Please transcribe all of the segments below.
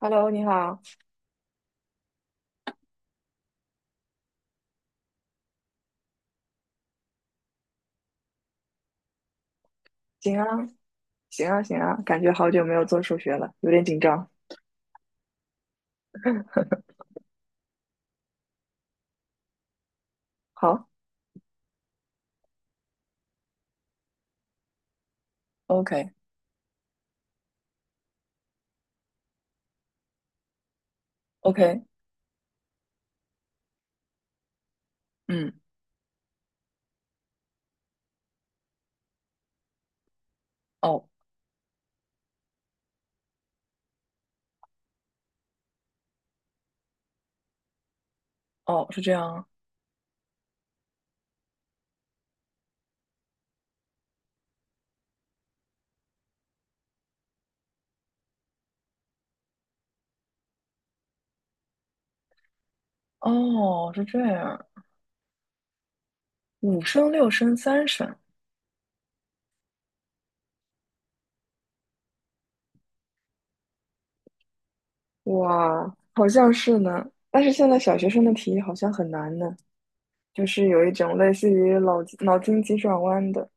Hello，你好，行啊，感觉好久没有做数学了，有点紧张。好，OK，OK，嗯，哦，哦，是这样啊。哦，是这样，五升、六升、三升，哇，好像是呢。但是现在小学生的题好像很难呢，就是有一种类似于脑筋急转弯的。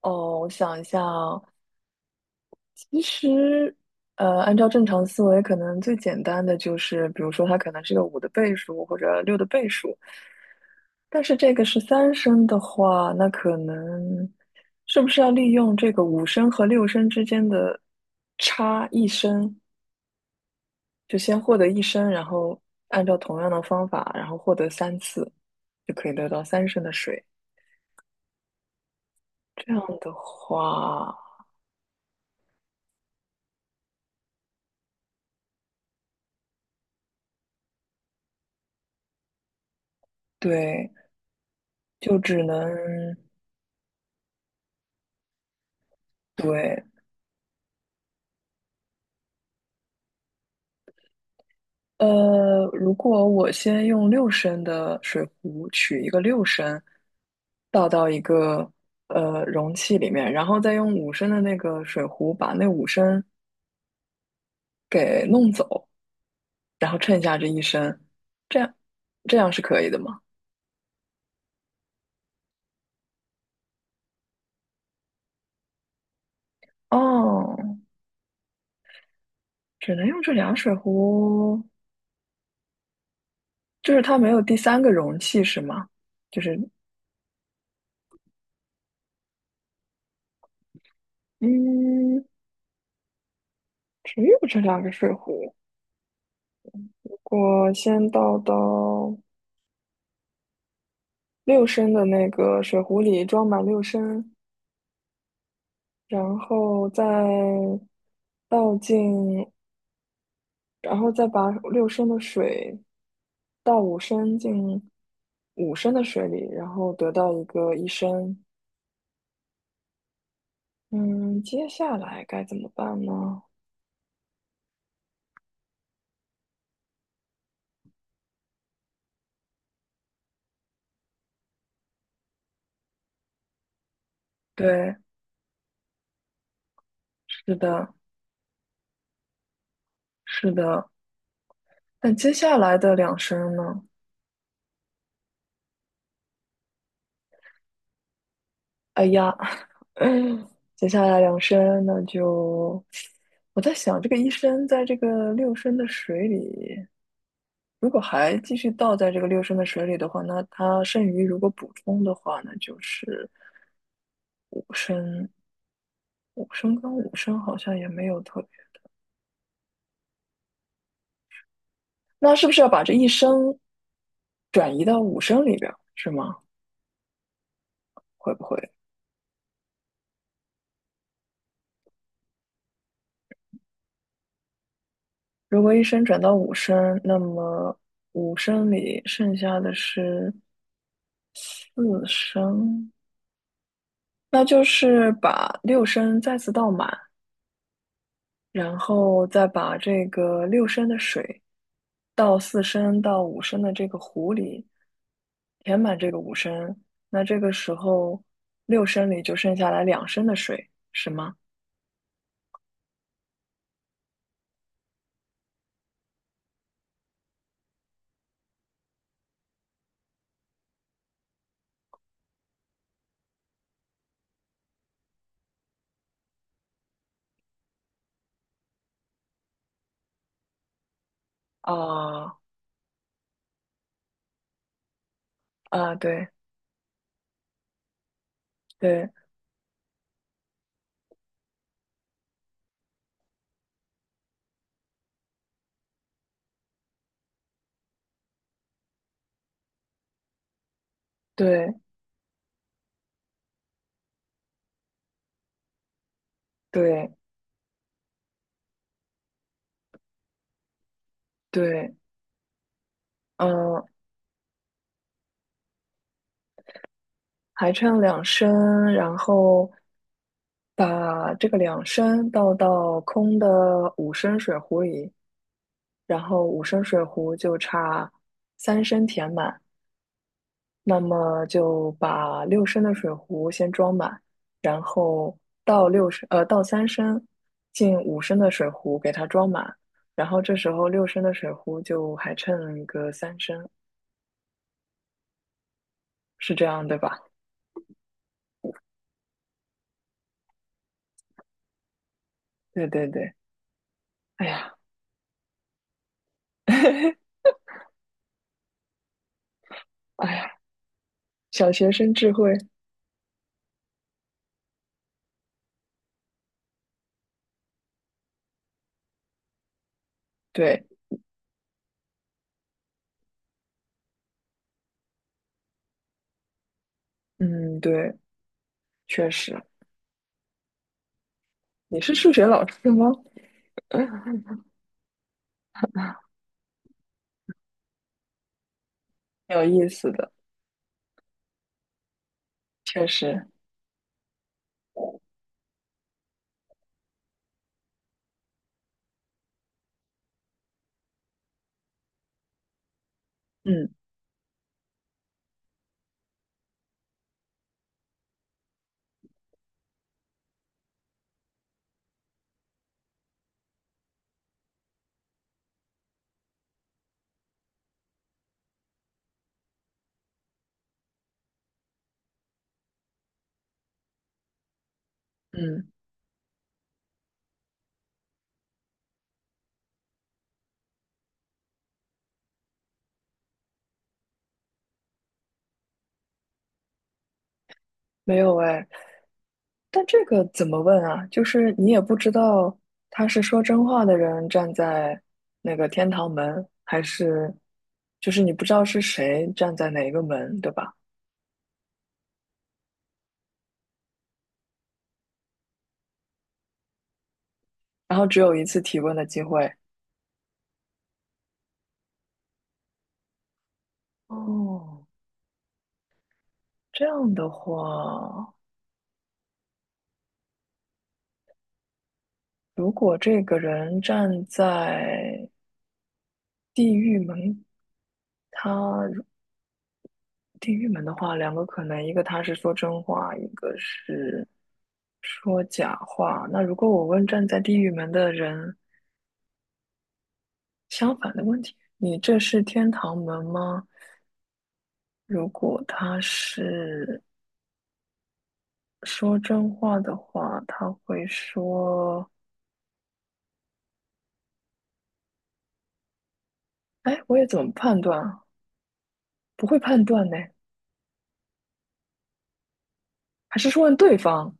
哦，我想一下啊。其实，按照正常思维，可能最简单的就是，比如说它可能是个五的倍数或者六的倍数。但是这个是三升的话，那可能是不是要利用这个五升和六升之间的差一升，就先获得一升，然后按照同样的方法，然后获得三次，就可以得到三升的水。这样的话，对，就只能。对，如果我先用六升的水壶取一个六升，倒到一个容器里面，然后再用五升的那个水壶把那五升给弄走，然后剩下这一升，这样这样是可以的吗？哦，只能用这俩水壶，就是它没有第三个容器是吗？就是嗯，只有这两个水壶。我先倒到六升的那个水壶里装满六升，然后再倒进，然后再把六升的水倒五升进五升的水里，然后得到一个一升。嗯，接下来该怎么办呢？对，是的，是的。那接下来的两升呢？哎呀，接下来两升那就，我在想，这个一升在这个六升的水里。如果还继续倒在这个六升的水里的话，那它剩余如果补充的话呢，那就是五升。五升跟五升好像也没有特别，那是不是要把这一升转移到五升里边儿，是吗？会不会？如果一升转到五升，那么五升里剩下的是四升，那就是把六升再次倒满，然后再把这个六升的水倒四升到五升的这个壶里填满这个五升，那这个时候六升里就剩下来两升的水，是吗？啊，啊，对对对对对，嗯，还差两升，然后把这个两升倒到空的五升水壶里，然后五升水壶就差三升填满。那么就把六升的水壶先装满，然后倒三升进五升的水壶给它装满，然后这时候六升的水壶就还剩个三升，是这样对吧？对对对，哎呀，哎呀，小学生智慧，对，嗯，对，确实。你是数学老师吗？有意思的，确实，嗯嗯。没有哎，但这个怎么问啊？就是你也不知道他是说真话的人站在那个天堂门，还是就是你不知道是谁站在哪一个门，对吧？然后只有一次提问的机会。哦，这样的话，如果这个人站在地狱门，他如地狱门的话，两个可能，一个他是说真话，一个是说假话。那如果我问站在地狱门的人，相反的问题，你这是天堂门吗？如果他是说真话的话，他会说：“哎，我也怎么判断啊，不会判断呢？还是问对方？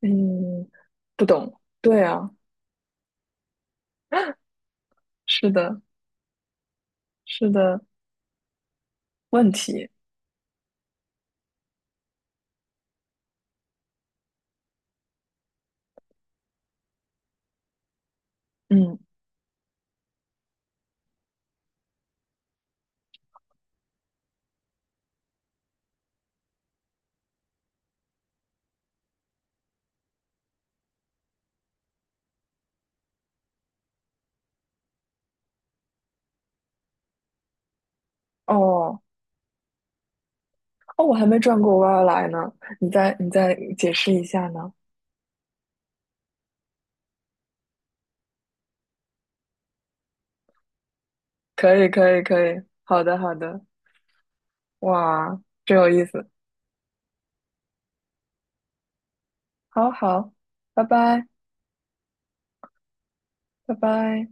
嗯，不懂。对啊，是的，是的，问题。嗯，哦，哦，我还没转过弯儿来呢，你再你再解释一下呢？可以，可以，可以。好的，好的。哇，真有意思。好好，拜拜。”拜拜。